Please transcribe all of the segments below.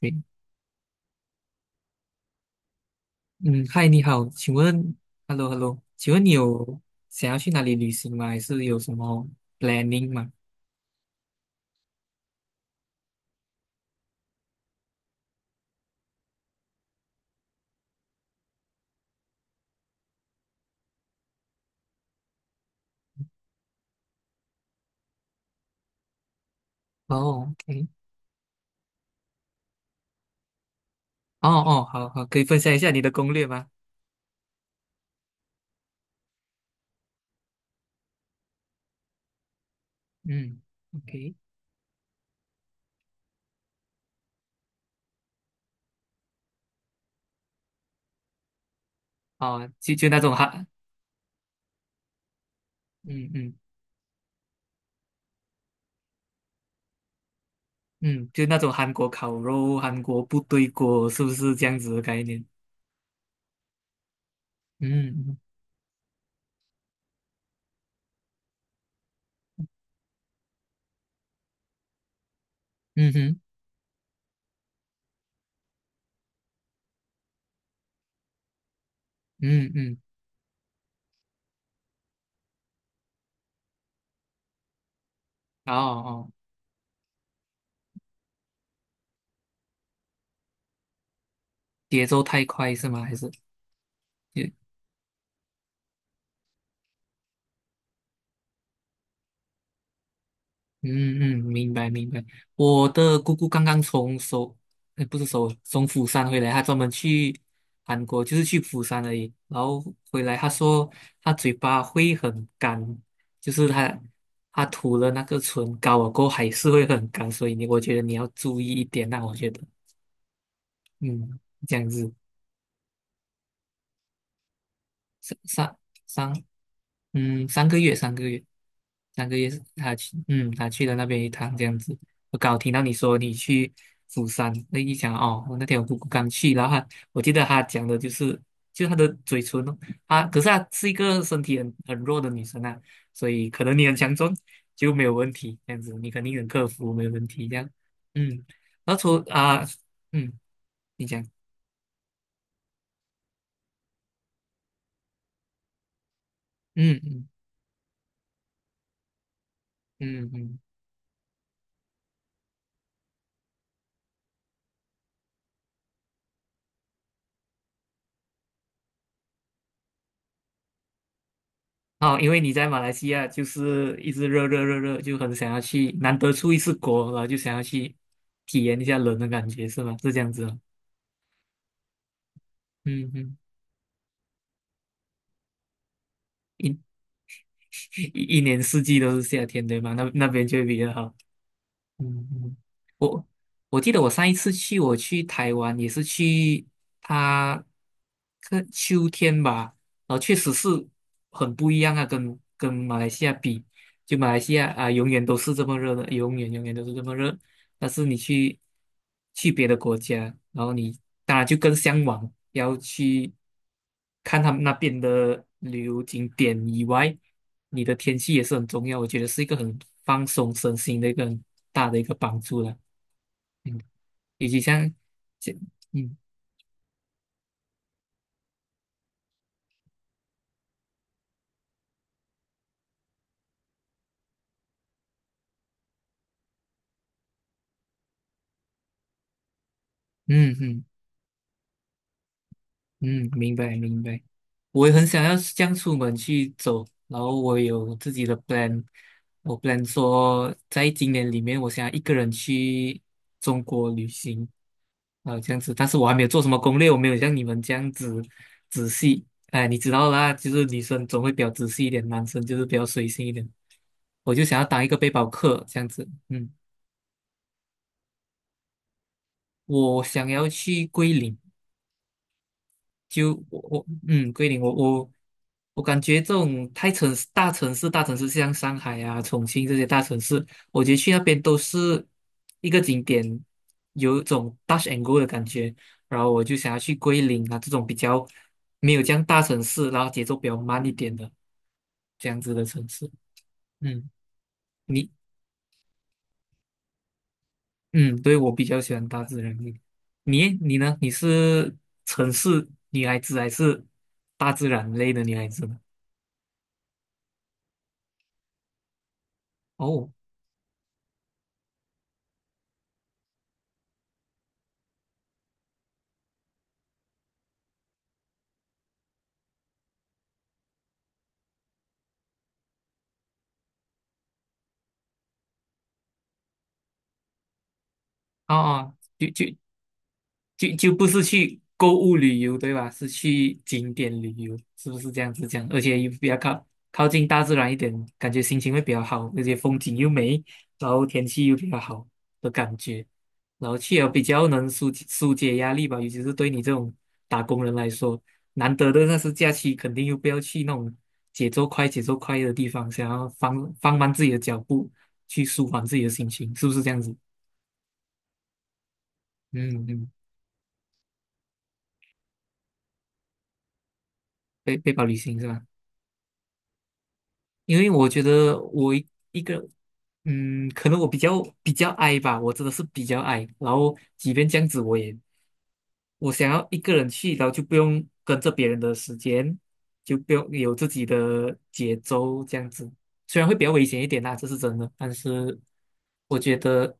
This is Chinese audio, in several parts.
诶，嗯，嗨，你好，请问，hello，hello，请问你有想要去哪里旅行吗？还是有什么 planning 吗？哦，OK，哦哦，好好，可以分享一下你的攻略吗？嗯，OK，哦，就就那种韩，嗯嗯嗯，就那种韩国烤肉、韩国部队锅，是不是这样子的概念？嗯嗯嗯哼嗯嗯，哦哦，节奏太快是吗？还是？嗯嗯，明白明白。我的姑姑刚刚不是首从釜山回来，她专门去韩国，就是去釜山而已。然后回来，她说她嘴巴会很干，就是她涂了那个唇膏了过后还是会很干，所以你我觉得你要注意一点那我觉得，嗯，这样子。三三三，嗯，三个月，三个月，三个月是他去，嗯，他去了那边一趟这样子。我刚好听到你说你去釜山，那一讲哦，我那天我姑姑刚去，然后我记得她讲的就是，就她的嘴唇哦，啊，可是她是一个身体很弱的女生啊，所以可能你很强壮就没有问题，这样子你肯定能克服，没有问题这样。嗯，然后嗯，你讲，嗯嗯嗯嗯。哦，因为你在马来西亚就是一直热热热热，就很想要去，难得出一次国，然后就想要去体验一下冷的感觉，是吗？是这样子哦。嗯嗯，一 一年四季都是夏天，对吗？那边就会比较好。嗯嗯，我我记得我上一次去，我去台湾也是去它个秋天吧，然后确实是很不一样啊，跟马来西亚比。就马来西亚啊，永远都是这么热的，永远永远都是这么热。但是你去别的国家，然后你当然就更向往要去看他们那边的旅游景点以外，你的天气也是很重要。我觉得是一个很放松身心的一个很大的一个帮助了。嗯，以及像，像嗯嗯嗯。嗯，明白明白。我也很想要这样出门去走，然后我有自己的 plan，我 plan 说在今年里面，我想要一个人去中国旅行啊，这样子。但是我还没有做什么攻略，我没有像你们这样子仔细。哎，你知道啦，就是女生总会比较仔细一点，男生就是比较随性一点。我就想要当一个背包客这样子，嗯，我想要去桂林。就我嗯，桂林，我感觉这种太城市大城市大城市，像上海啊、重庆这些大城市，我觉得去那边都是一个景点，有一种 touch and go 的感觉。然后我就想要去桂林啊这种比较没有这样大城市，然后节奏比较慢一点的这样子的城市。嗯，你嗯，对我比较喜欢大自然一点你呢？你是城市女孩子还是大自然类的女孩子呢？哦。哦哦，就不是去购物旅游，对吧？是去景点旅游，是不是这样子讲？而且又比较近大自然一点，感觉心情会比较好，而且风景又美，然后天气又比较好的感觉，然后去了比较能解压力吧，尤其是对你这种打工人来说，难得的那是假期，肯定又不要去那种节奏快、节奏快的地方，想要慢自己的脚步，去舒缓自己的心情，是不是这样子？嗯嗯。包旅行是吧？因为我觉得一个，嗯，可能我比较 i 吧，我真的是比较 i。然后即便这样子，我想要一个人去，然后就不用跟着别人的时间，就不用有自己的节奏这样子。虽然会比较危险一点啦，这是真的，但是我觉得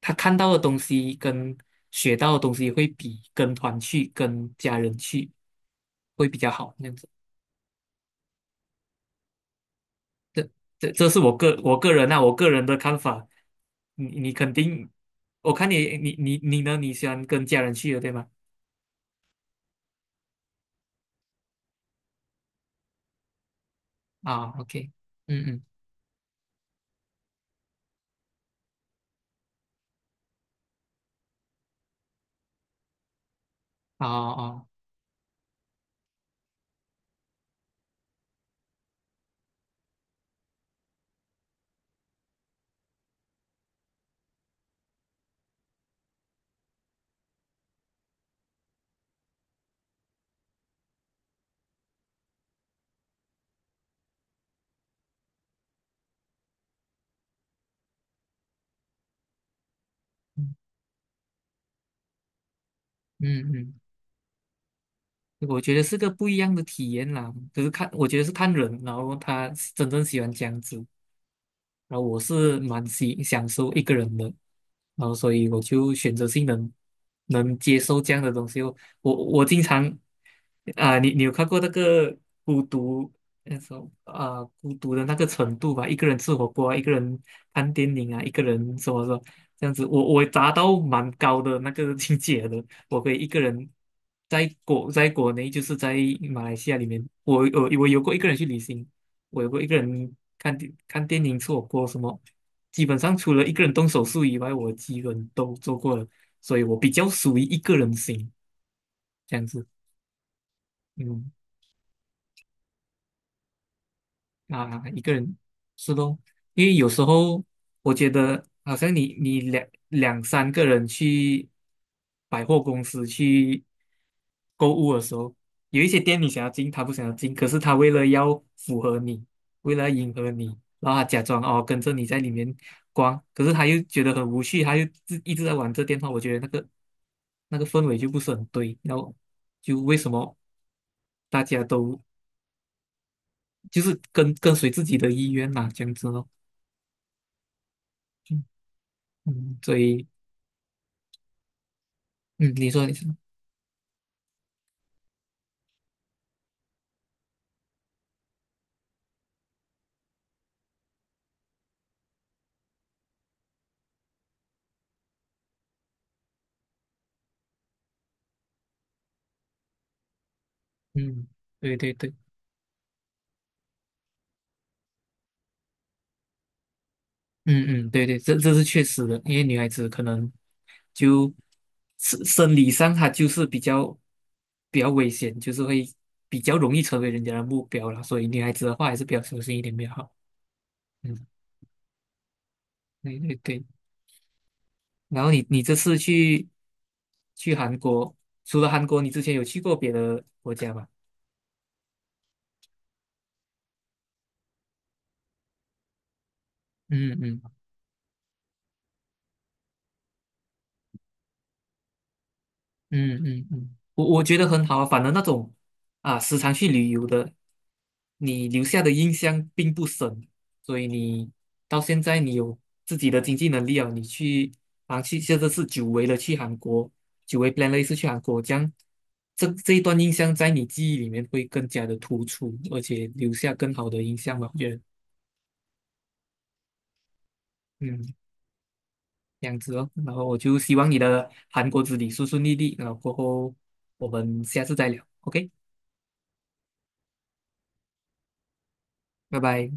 他看到的东西跟学到的东西会比跟团去、跟家人去会比较好。样子。这这是我个人啊，我个人的看法。你肯定，我看你呢？你喜欢跟家人去的，对吗？啊，OK，嗯嗯，哦哦，嗯嗯，我觉得是个不一样的体验啦。可是看，我觉得是看人，然后他真正喜欢这样子。然后我是蛮喜享受一个人的，然后所以我就选择性能接受这样的东西哦。我经常啊、你有看过那个孤独那种啊、孤独的那个程度吧？一个人吃火锅啊一个人看电影啊，一个人什么什么这样子，我达到蛮高的那个境界的。我可以一个人在国内，就是在马来西亚里面，我有过一个人去旅行。我有过一个人看电影吃火锅什么，基本上除了一个人动手术以外，我基本都做过了，所以我比较属于一个人型这样子。嗯啊，一个人是咯，因为有时候我觉得好像你两三个人去百货公司去购物的时候，有一些店你想要进，他不想要进，可是他为了要符合你，为了迎合你，然后他假装哦跟着你在里面逛，可是他又觉得很无趣，他又自一直在玩这电话，我觉得那个氛围就不是很对，然后就为什么大家都就是跟随自己的意愿嘛，这样子咯。嗯，所以，嗯，你说，你说，嗯，对对对，嗯嗯，对对，这是确实的，因为女孩子可能就理上她就是比较危险，就是会比较容易成为人家的目标了，所以女孩子的话还是比较小心一点比较好。嗯，对对对。然后你这次去韩国，除了韩国，你之前有去过别的国家吗？嗯嗯嗯嗯嗯，我觉得很好啊，反正那种啊时常去旅游的。你留下的印象并不深，所以你到现在你有自己的经济能力了，你去啊去现在是久违了去韩国，久违 plan 了一次去韩国，这样这一段印象在你记忆里面会更加的突出，而且留下更好的印象吧，我觉得，嗯，这样子哦，然后我就希望你的韩国之旅顺顺利利，然后过后我们下次再聊，OK，拜拜。